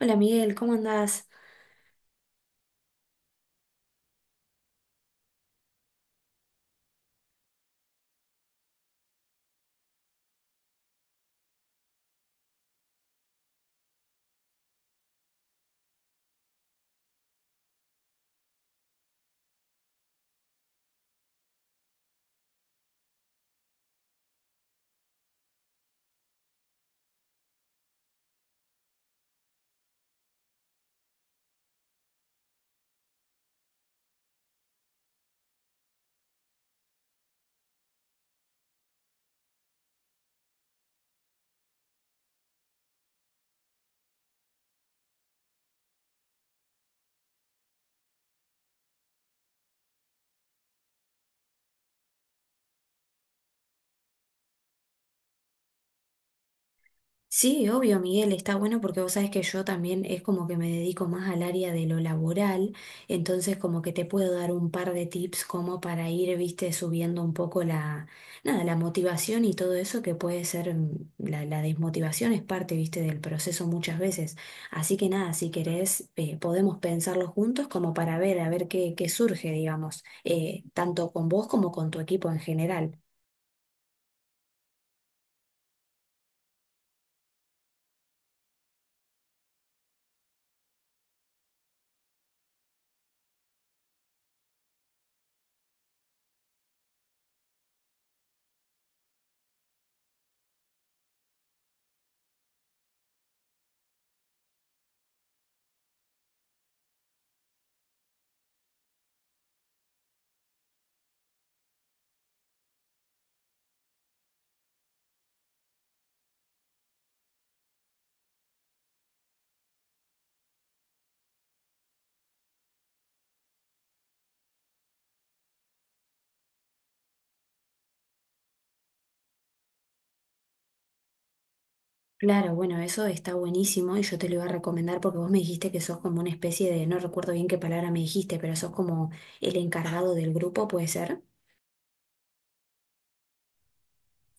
Hola Miguel, ¿cómo andás? Sí, obvio Miguel, está bueno porque vos sabés que yo también es como que me dedico más al área de lo laboral, entonces como que te puedo dar un par de tips como para ir, viste, subiendo un poco la, nada, la motivación y todo eso que puede ser, la desmotivación es parte, viste, del proceso muchas veces. Así que nada, si querés, podemos pensarlo juntos como para ver, a ver qué surge, digamos, tanto con vos como con tu equipo en general. Claro, bueno, eso está buenísimo y yo te lo iba a recomendar porque vos me dijiste que sos como una especie de, no recuerdo bien qué palabra me dijiste, pero sos como el encargado del grupo, ¿puede ser?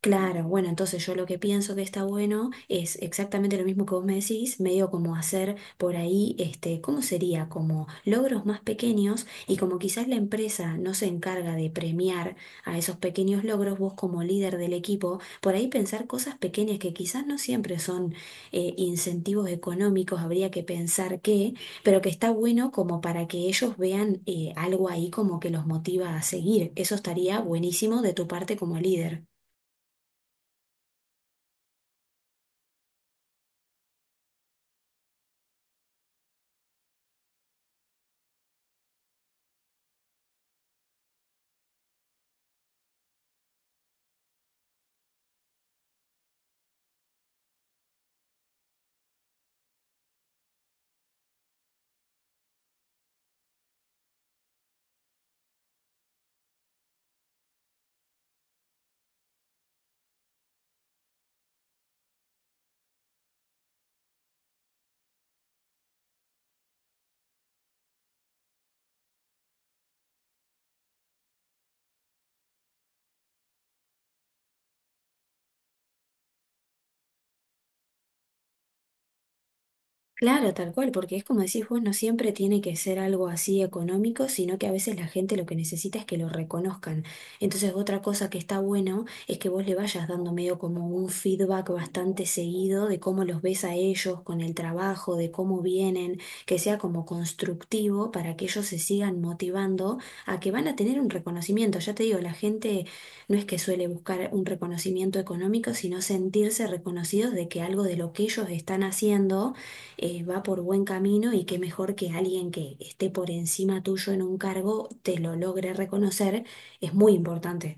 Claro, bueno, entonces yo lo que pienso que está bueno es exactamente lo mismo que vos me decís, medio como hacer por ahí, este, ¿cómo sería? Como logros más pequeños y como quizás la empresa no se encarga de premiar a esos pequeños logros, vos como líder del equipo, por ahí pensar cosas pequeñas que quizás no siempre son incentivos económicos, habría que pensar que, pero que está bueno como para que ellos vean algo ahí como que los motiva a seguir. Eso estaría buenísimo de tu parte como líder. Claro, tal cual, porque es como decís vos, no siempre tiene que ser algo así económico, sino que a veces la gente lo que necesita es que lo reconozcan. Entonces, otra cosa que está bueno es que vos le vayas dando medio como un feedback bastante seguido de cómo los ves a ellos con el trabajo, de cómo vienen, que sea como constructivo para que ellos se sigan motivando a que van a tener un reconocimiento. Ya te digo, la gente no es que suele buscar un reconocimiento económico, sino sentirse reconocidos de que algo de lo que ellos están haciendo va por buen camino y qué mejor que alguien que esté por encima tuyo en un cargo te lo logre reconocer, es muy importante.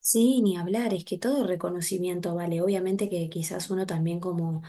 Sí, ni hablar, es que todo reconocimiento vale. Obviamente que quizás uno también como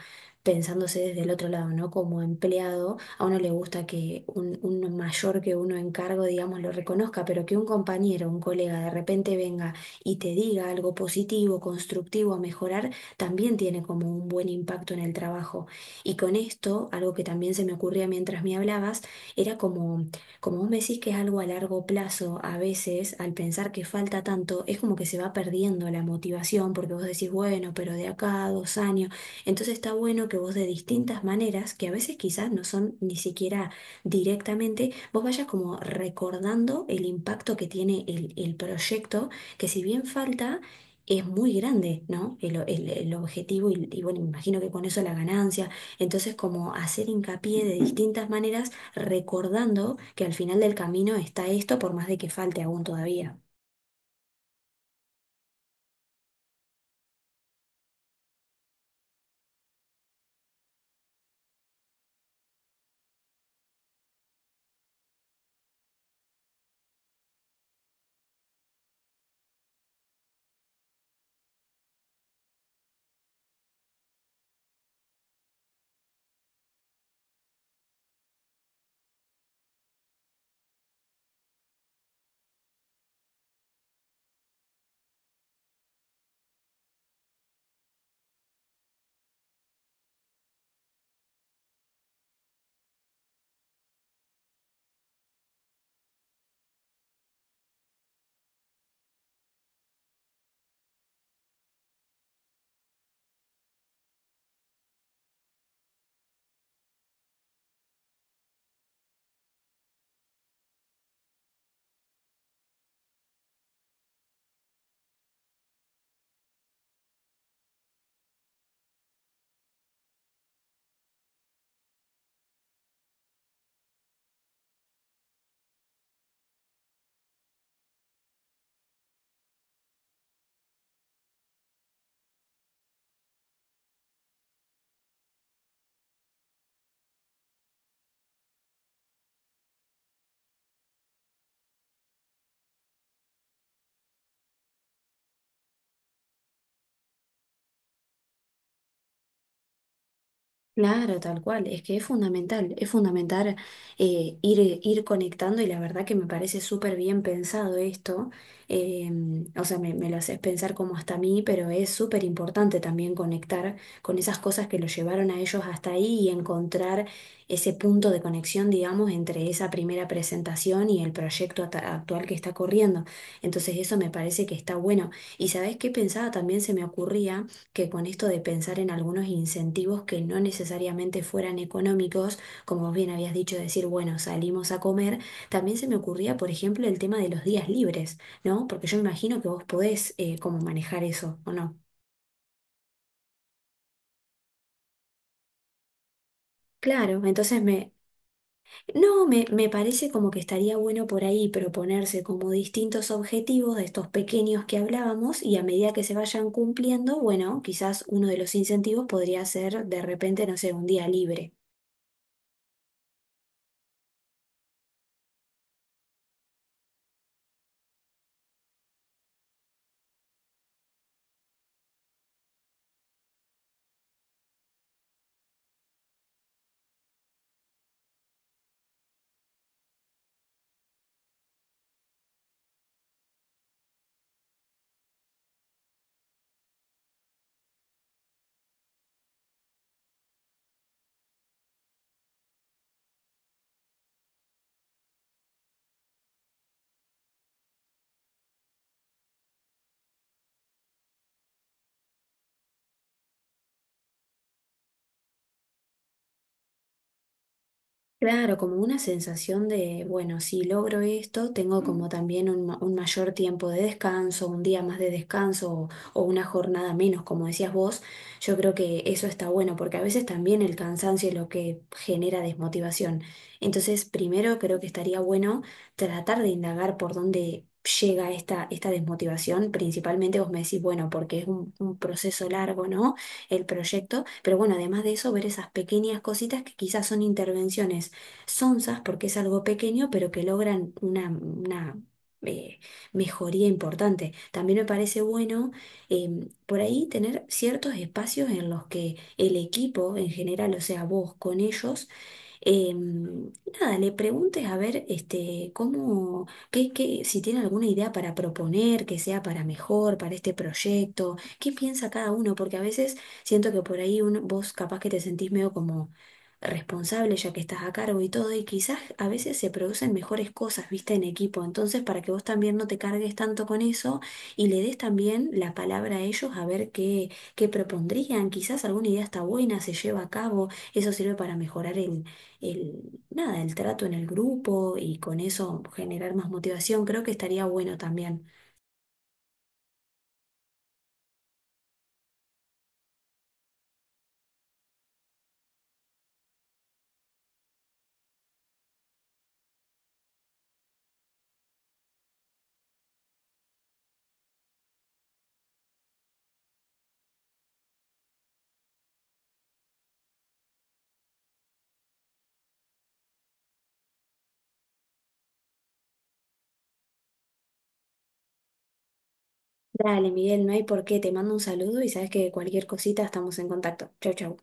pensándose desde el otro lado, ¿no? Como empleado, a uno le gusta que un mayor que uno en cargo, digamos, lo reconozca, pero que un compañero, un colega de repente venga y te diga algo positivo, constructivo a mejorar, también tiene como un buen impacto en el trabajo. Y con esto, algo que también se me ocurría mientras me hablabas, era como como vos me decís que es algo a largo plazo, a veces al pensar que falta tanto, es como que se va perdiendo la motivación porque vos decís, bueno, pero de acá a 2 años. Entonces está bueno que vos de distintas maneras, que a veces quizás no son ni siquiera directamente, vos vayas como recordando el impacto que tiene el proyecto, que si bien falta... Es muy grande, ¿no? El objetivo y bueno, me imagino que con eso la ganancia. Entonces, como hacer hincapié de distintas maneras recordando que al final del camino está esto por más de que falte aún todavía. Claro, tal cual, es que es fundamental, es fundamental, ir conectando y la verdad que me parece súper bien pensado esto, eh, o sea, me lo haces pensar como hasta a mí, pero es súper importante también conectar con esas cosas que lo llevaron a ellos hasta ahí y encontrar ese punto de conexión, digamos, entre esa primera presentación y el proyecto actual que está corriendo. Entonces eso me parece que está bueno. Y ¿sabés qué pensaba? También se me ocurría que con esto de pensar en algunos incentivos que no necesariamente fueran económicos, como vos bien habías dicho, decir, bueno, salimos a comer, también se me ocurría, por ejemplo, el tema de los días libres, ¿no? Porque yo imagino que vos podés como manejar eso, ¿o no? Claro, entonces me... No, me parece como que estaría bueno por ahí proponerse como distintos objetivos de estos pequeños que hablábamos y a medida que se vayan cumpliendo, bueno, quizás uno de los incentivos podría ser de repente, no sé, un día libre. Claro, como una sensación de, bueno, si logro esto, tengo como también un, un mayor tiempo de descanso, un día más de descanso o una jornada menos, como decías vos. Yo creo que eso está bueno porque a veces también el cansancio es lo que genera desmotivación. Entonces, primero creo que estaría bueno tratar de indagar por dónde llega esta desmotivación. Principalmente vos me decís, bueno, porque es un proceso largo, ¿no? El proyecto. Pero bueno, además de eso, ver esas pequeñas cositas que quizás son intervenciones sonsas porque es algo pequeño, pero que logran una, eh, mejoría importante. También me parece bueno, por ahí tener ciertos espacios en los que el equipo en general, o sea, vos con ellos, Em, nada, le preguntes a ver este, si tiene alguna idea para proponer, que sea para mejor, para este proyecto, qué piensa cada uno, porque a veces siento que por ahí vos capaz que te sentís medio como responsable ya que estás a cargo y todo, y quizás a veces se producen mejores cosas, viste, en equipo, entonces para que vos también no te cargues tanto con eso y le des también la palabra a ellos a ver qué propondrían, quizás alguna idea está buena, se lleva a cabo. Eso sirve para mejorar el, nada, el trato en el grupo y con eso generar más motivación, creo que estaría bueno también. Dale, Miguel, no hay por qué, te mando un saludo y sabes que cualquier cosita estamos en contacto. Chau, chau.